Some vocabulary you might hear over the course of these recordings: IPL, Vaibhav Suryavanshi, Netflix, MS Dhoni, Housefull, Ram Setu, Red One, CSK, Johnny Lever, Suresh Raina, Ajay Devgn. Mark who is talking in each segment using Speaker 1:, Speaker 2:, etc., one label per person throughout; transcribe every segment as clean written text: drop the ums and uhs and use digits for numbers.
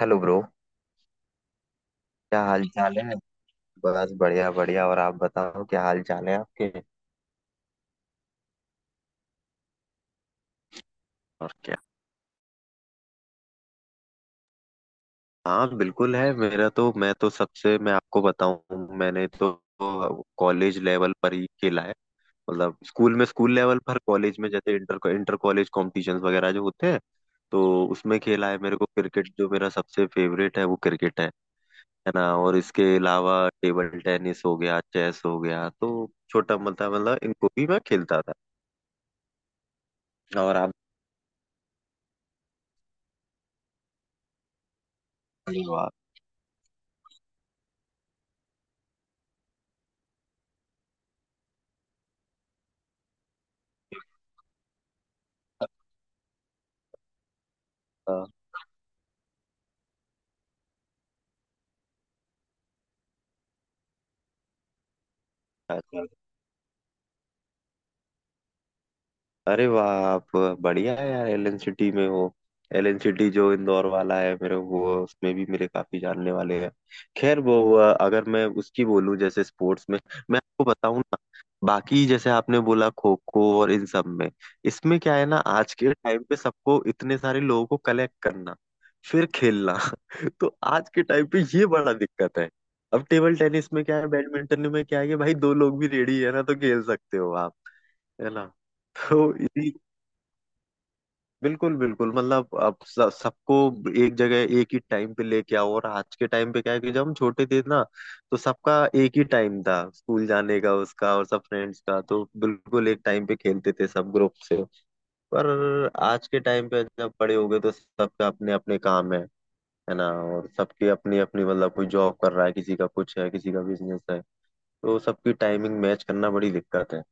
Speaker 1: Hello bro. क्या हाल चाल है। बस बढ़िया बढ़िया और आप बताओ, क्या हाल चाल है आपके। और क्या। हाँ बिल्कुल है मेरा तो। मैं आपको बताऊं, मैंने तो कॉलेज लेवल पर ही खेला है। मतलब स्कूल में, स्कूल लेवल पर, कॉलेज में जैसे इंटर इंटर कॉलेज कॉम्पिटिशन्स वगैरह जो होते हैं, तो उसमें खेला है। मेरे को क्रिकेट जो मेरा सबसे फेवरेट है वो क्रिकेट है ना। और इसके अलावा टेबल टेनिस हो गया, चेस हो गया, तो छोटा मोटा मतलब इनको भी मैं खेलता था। और आप। धन्यवाद। अच्छा। अरे वाह आप, बढ़िया है यार एलन सिटी में हो। एलन सिटी जो इंदौर वाला है मेरे वो उसमें भी मेरे काफी जानने वाले हैं। खैर वो अगर मैं उसकी बोलूं जैसे स्पोर्ट्स में, मैं आपको बताऊं ना, बाकी जैसे आपने बोला खो खो और इन सब में, इसमें क्या है ना, आज के टाइम पे सबको, इतने सारे लोगों को कलेक्ट करना फिर खेलना तो आज के टाइम पे ये बड़ा दिक्कत है। अब टेबल टेनिस में क्या है, बैडमिंटन में क्या है कि भाई दो लोग भी रेडी है ना तो खेल सकते हो आप, है ना। तो इसी बिल्कुल बिल्कुल, मतलब अब सबको एक जगह एक ही टाइम पे लेके आओ। और आज के टाइम पे क्या है कि जब हम छोटे थे ना तो सबका एक ही टाइम था स्कूल जाने का, उसका और सब फ्रेंड्स का, तो बिल्कुल एक टाइम पे खेलते थे सब ग्रुप से। पर आज के टाइम पे जब बड़े हो गए तो सबका अपने अपने काम है ना। और सबकी अपनी अपनी, मतलब कोई जॉब कर रहा है, किसी का कुछ है, किसी का बिजनेस है, तो सबकी टाइमिंग मैच करना बड़ी दिक्कत है।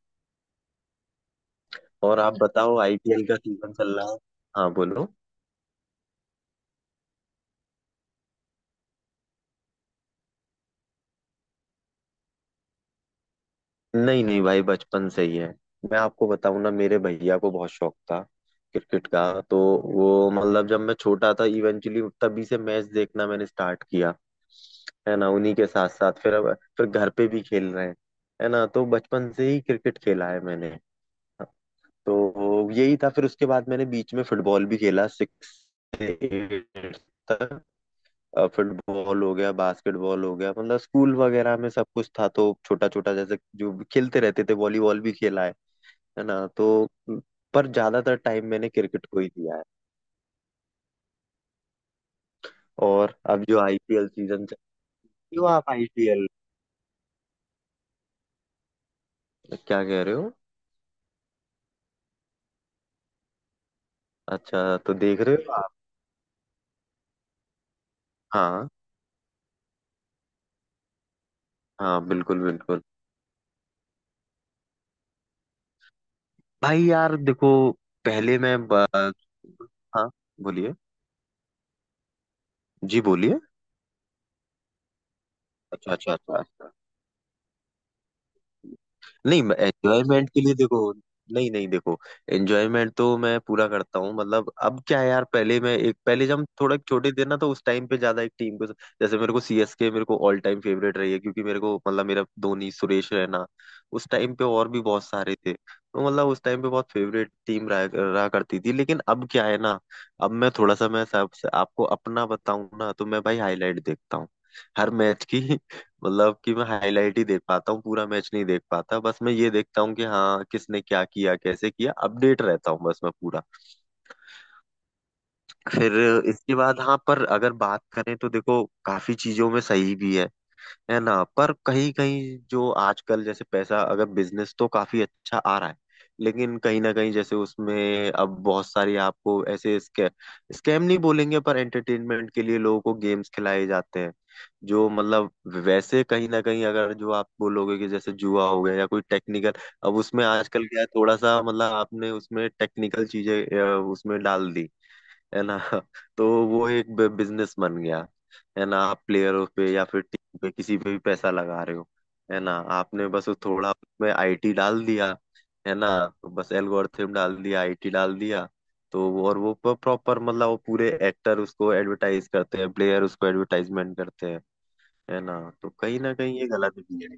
Speaker 1: और आप बताओ, आईपीएल का सीजन चल रहा है। हाँ बोलो। नहीं नहीं भाई, बचपन से ही है। मैं आपको बताऊं ना, मेरे भैया को बहुत शौक था क्रिकेट का। तो वो मतलब जब मैं छोटा था इवेंचुअली तभी से मैच देखना मैंने स्टार्ट किया, है ना। उन्हीं के साथ साथ फिर अब फिर घर पे भी खेल रहे हैं, है ना। तो बचपन से ही क्रिकेट खेला है मैंने। तो यही था, फिर उसके बाद मैंने बीच में फुटबॉल भी खेला, फुटबॉल हो गया, बास्केटबॉल हो गया, मतलब स्कूल वगैरह में सब कुछ था तो छोटा छोटा जैसे जो भी खेलते रहते थे, वॉलीबॉल भी खेला है ना। तो पर ज्यादातर टाइम मैंने क्रिकेट को ही दिया है। और अब जो आईपीएल सीजन चल रही हो आप, आईपीएल क्या कह रहे हो। अच्छा तो देख रहे हो आप। हाँ हाँ बिल्कुल बिल्कुल। भाई यार देखो, पहले मैं ब- हाँ बोलिए। जी बोलिए। अच्छा अच्छा अच्छा अच्छा। नहीं एंजॉयमेंट के लिए देखो, नहीं नहीं देखो, एंजॉयमेंट तो मैं पूरा करता हूँ। मतलब अब क्या है यार, पहले मैं एक पहले जब हम थोड़ा छोटे थे ना तो उस टाइम पे ज्यादा एक टीम को, जैसे मेरे को सीएसके मेरे को ऑल टाइम फेवरेट रही है, क्योंकि मेरे को मतलब मेरा धोनी, सुरेश रैना, उस टाइम पे और भी बहुत सारे थे, तो मतलब उस टाइम पे बहुत फेवरेट टीम रहा करती थी। लेकिन अब क्या है ना, अब मैं थोड़ा सा, मैं सब आपको अपना बताऊं ना, तो मैं भाई हाईलाइट देखता हूँ हर मैच की। मतलब कि मैं हाईलाइट ही देख पाता हूँ पूरा मैच नहीं देख पाता। बस मैं ये देखता हूँ कि हाँ किसने क्या किया, कैसे किया, अपडेट रहता हूँ बस मैं पूरा। फिर इसके बाद हाँ, पर अगर बात करें तो देखो काफी चीजों में सही भी है ना। पर कहीं कहीं जो आजकल जैसे पैसा, अगर बिजनेस तो काफी अच्छा आ रहा है, लेकिन कहीं ना कहीं जैसे उसमें अब बहुत सारी आपको ऐसे स्कैम स्कैम नहीं बोलेंगे, पर एंटरटेनमेंट के लिए लोगों को गेम्स खिलाए जाते हैं जो मतलब वैसे कहीं ना कहीं, अगर जो आप बोलोगे कि जैसे जुआ हो गया या कोई टेक्निकल। अब उसमें आजकल क्या है, थोड़ा सा मतलब आपने उसमें टेक्निकल चीजें उसमें डाल दी, है ना तो वो एक बिजनेस बन गया, है ना। आप प्लेयरों पे या फिर टीम पे किसी पे भी पैसा लगा रहे हो, है ना। आपने बस वो थोड़ा उसमें आईटी डाल दिया, है ना। तो बस एल्गोरिथम डाल दिया, आईटी डाल दिया। और वो प्रॉपर मतलब वो पूरे एक्टर उसको एडवर्टाइज करते हैं, प्लेयर उसको एडवर्टाइजमेंट करते हैं, है ना। तो कहीं ना कहीं ये गलत भी है।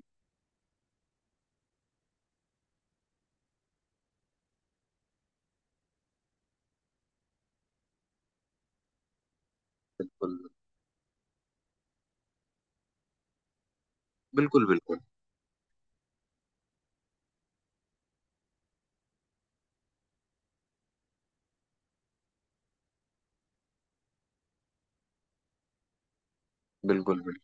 Speaker 1: बिल्कुल बिल्कुल। बिल्कुल बिल्कुल। बिल्कुल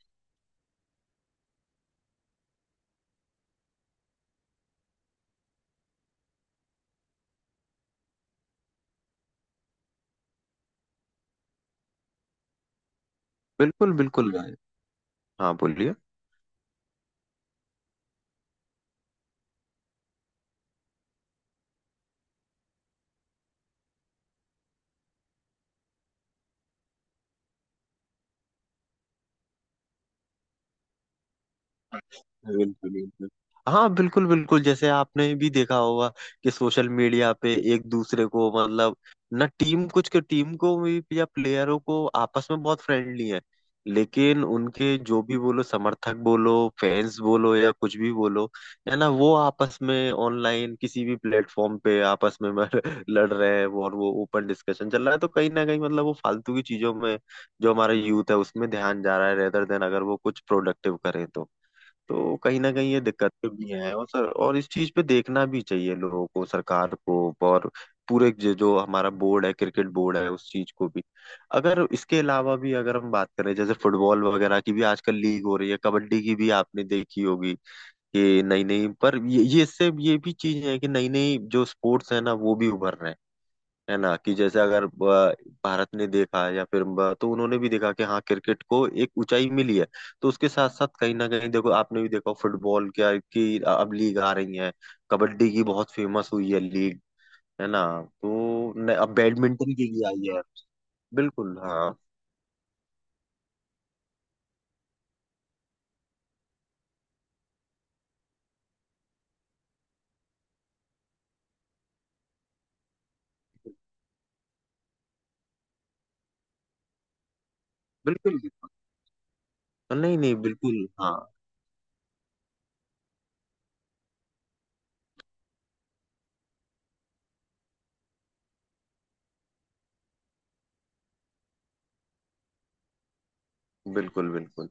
Speaker 1: बिल्कुल बिल्कुल। हाँ बोलिए। बिल्कुल बिल्कुल। हाँ बिल्कुल बिल्कुल, जैसे आपने भी देखा होगा कि सोशल मीडिया पे एक दूसरे को मतलब, ना टीम कुछ के, टीम को भी या प्लेयरों को, आपस में बहुत फ्रेंडली है, लेकिन उनके जो भी बोलो समर्थक बोलो, फैंस बोलो या कुछ भी बोलो, है ना, वो आपस में ऑनलाइन किसी भी प्लेटफॉर्म पे आपस में लड़ रहे हैं, वो और वो ओपन डिस्कशन चल रहा है। तो कहीं ना कहीं मतलब वो फालतू की चीजों में जो हमारा यूथ है उसमें ध्यान जा रहा है रेदर देन अगर वो कुछ प्रोडक्टिव करें तो। तो कहीं ना कहीं ये दिक्कतें भी हैं। और सर, और इस चीज पे देखना भी चाहिए लोगों को, सरकार को और पूरे जो जो हमारा बोर्ड है, क्रिकेट बोर्ड है, उस चीज को भी। अगर इसके अलावा भी अगर हम बात करें, जैसे फुटबॉल वगैरह की भी आजकल लीग हो रही है, कबड्डी की भी आपने देखी होगी कि नई नई। पर ये इससे ये भी चीज है कि नई नई जो स्पोर्ट्स है ना वो भी उभर रहे हैं, है ना। कि जैसे अगर भारत ने देखा या फिर ब-, तो उन्होंने भी देखा कि हाँ क्रिकेट को एक ऊंचाई मिली है। तो उसके साथ साथ कहीं ना कहीं देखो आपने भी देखा फुटबॉल क्या की अब लीग आ रही है, कबड्डी की बहुत फेमस हुई है लीग, है ना। तो अब बैडमिंटन की भी आई है। बिल्कुल हाँ। बिल्कुल बिल्कुल। नहीं नहीं बिल्कुल हाँ बिल्कुल बिल्कुल।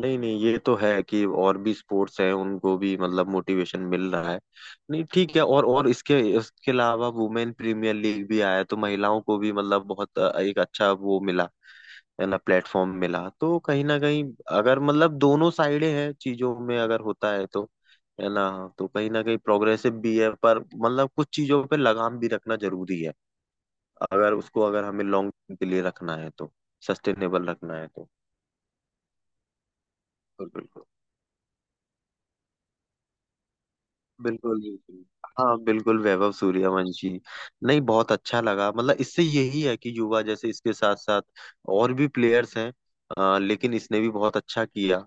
Speaker 1: नहीं नहीं, ये तो है कि और भी स्पोर्ट्स हैं उनको भी मतलब मोटिवेशन मिल रहा है। नहीं ठीक है, और इसके इसके अलावा वुमेन प्रीमियर लीग भी आया तो महिलाओं को भी मतलब बहुत एक अच्छा वो मिला, है ना, प्लेटफॉर्म मिला। तो कहीं ना कहीं, अगर मतलब दोनों साइडें हैं चीजों में, अगर होता है तो, है ना। तो कहीं ना कहीं प्रोग्रेसिव भी है पर मतलब कुछ चीजों पे लगाम भी रखना जरूरी है, अगर उसको, अगर हमें लॉन्ग के लिए रखना है तो, सस्टेनेबल रखना है तो। बिल्कुल। बिल्कुल बिल्कुल। हाँ बिल्कुल वैभव सूर्यवंशी। नहीं बहुत अच्छा लगा, मतलब इससे यही है कि युवा, जैसे इसके साथ साथ और भी प्लेयर्स हैं, लेकिन इसने भी बहुत अच्छा किया।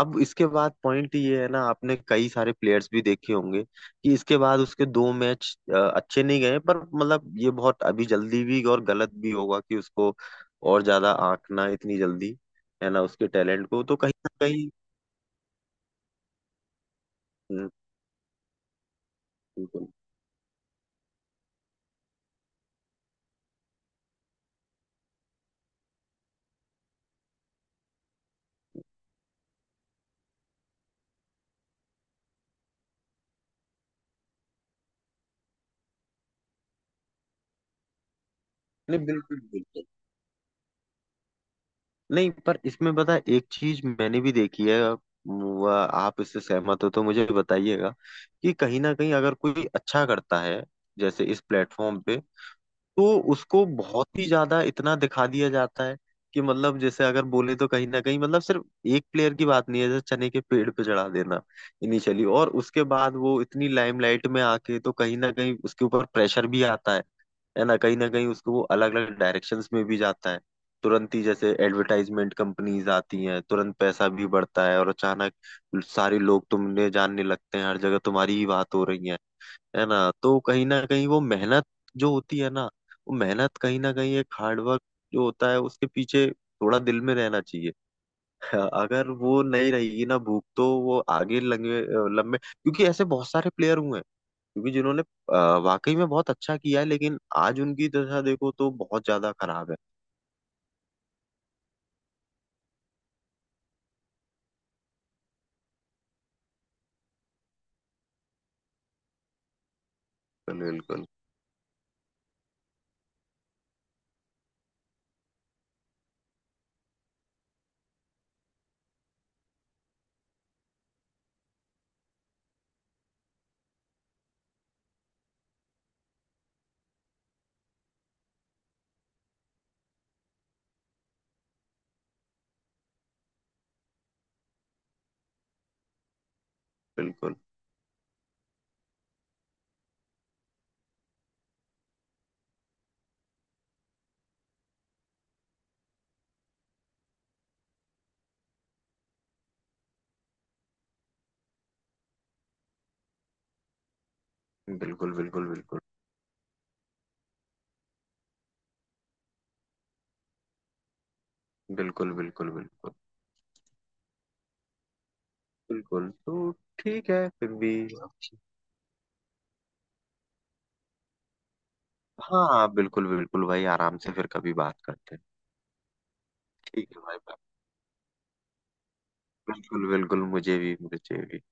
Speaker 1: अब इसके बाद पॉइंट ये है ना, आपने कई सारे प्लेयर्स भी देखे होंगे कि इसके बाद उसके दो मैच अच्छे नहीं गए। पर मतलब ये बहुत अभी जल्दी भी और गलत भी होगा कि उसको और ज्यादा आंकना इतनी जल्दी, है ना, उसके टैलेंट को, तो कहीं ना कहीं। हम्म, बिल्कुल। नहीं बिल्कुल बिल्कुल। नहीं पर इसमें पता है एक चीज मैंने भी देखी है आप, आप इससे सहमत हो तो मुझे बताइएगा कि कहीं ना कहीं अगर कोई अच्छा करता है जैसे इस प्लेटफॉर्म पे, तो उसको बहुत ही ज्यादा इतना दिखा दिया जाता है कि मतलब जैसे अगर बोले, तो कहीं ना कहीं मतलब सिर्फ एक प्लेयर की बात नहीं है, जैसे चने के पेड़ पे चढ़ा देना इनिशियली, और उसके बाद वो इतनी लाइमलाइट में आके तो कहीं ना कहीं उसके ऊपर प्रेशर भी आता है ना। कहीं ना कहीं उसको वो अलग अलग डायरेक्शंस में भी जाता है, तुरंत ही जैसे एडवर्टाइजमेंट कंपनीज आती हैं, तुरंत पैसा भी बढ़ता है, और अचानक सारे लोग तुमने जानने लगते हैं, हर जगह तुम्हारी ही बात हो रही है ना। तो कहीं ना कहीं वो मेहनत जो होती है ना, वो मेहनत कहीं ना कहीं एक हार्डवर्क जो होता है उसके पीछे थोड़ा दिल में रहना चाहिए अगर वो नहीं रहेगी ना भूख, तो वो आगे लंबे लंबे क्योंकि ऐसे बहुत सारे प्लेयर हुए हैं, क्योंकि जिन्होंने वाकई में बहुत अच्छा किया है लेकिन आज उनकी दशा देखो तो बहुत ज्यादा खराब है। बिल्कुल बिल्कुल। बिल्कुल बिल्कुल बिल्कुल। बिल्कुल बिल्कुल बिल्कुल बिल्कुल। तो ठीक है फिर भी। हाँ बिल्कुल बिल्कुल भाई, आराम से फिर कभी बात करते हैं। ठीक है भाई। बिल्कुल बिल्कुल, मुझे भी मुझे भी।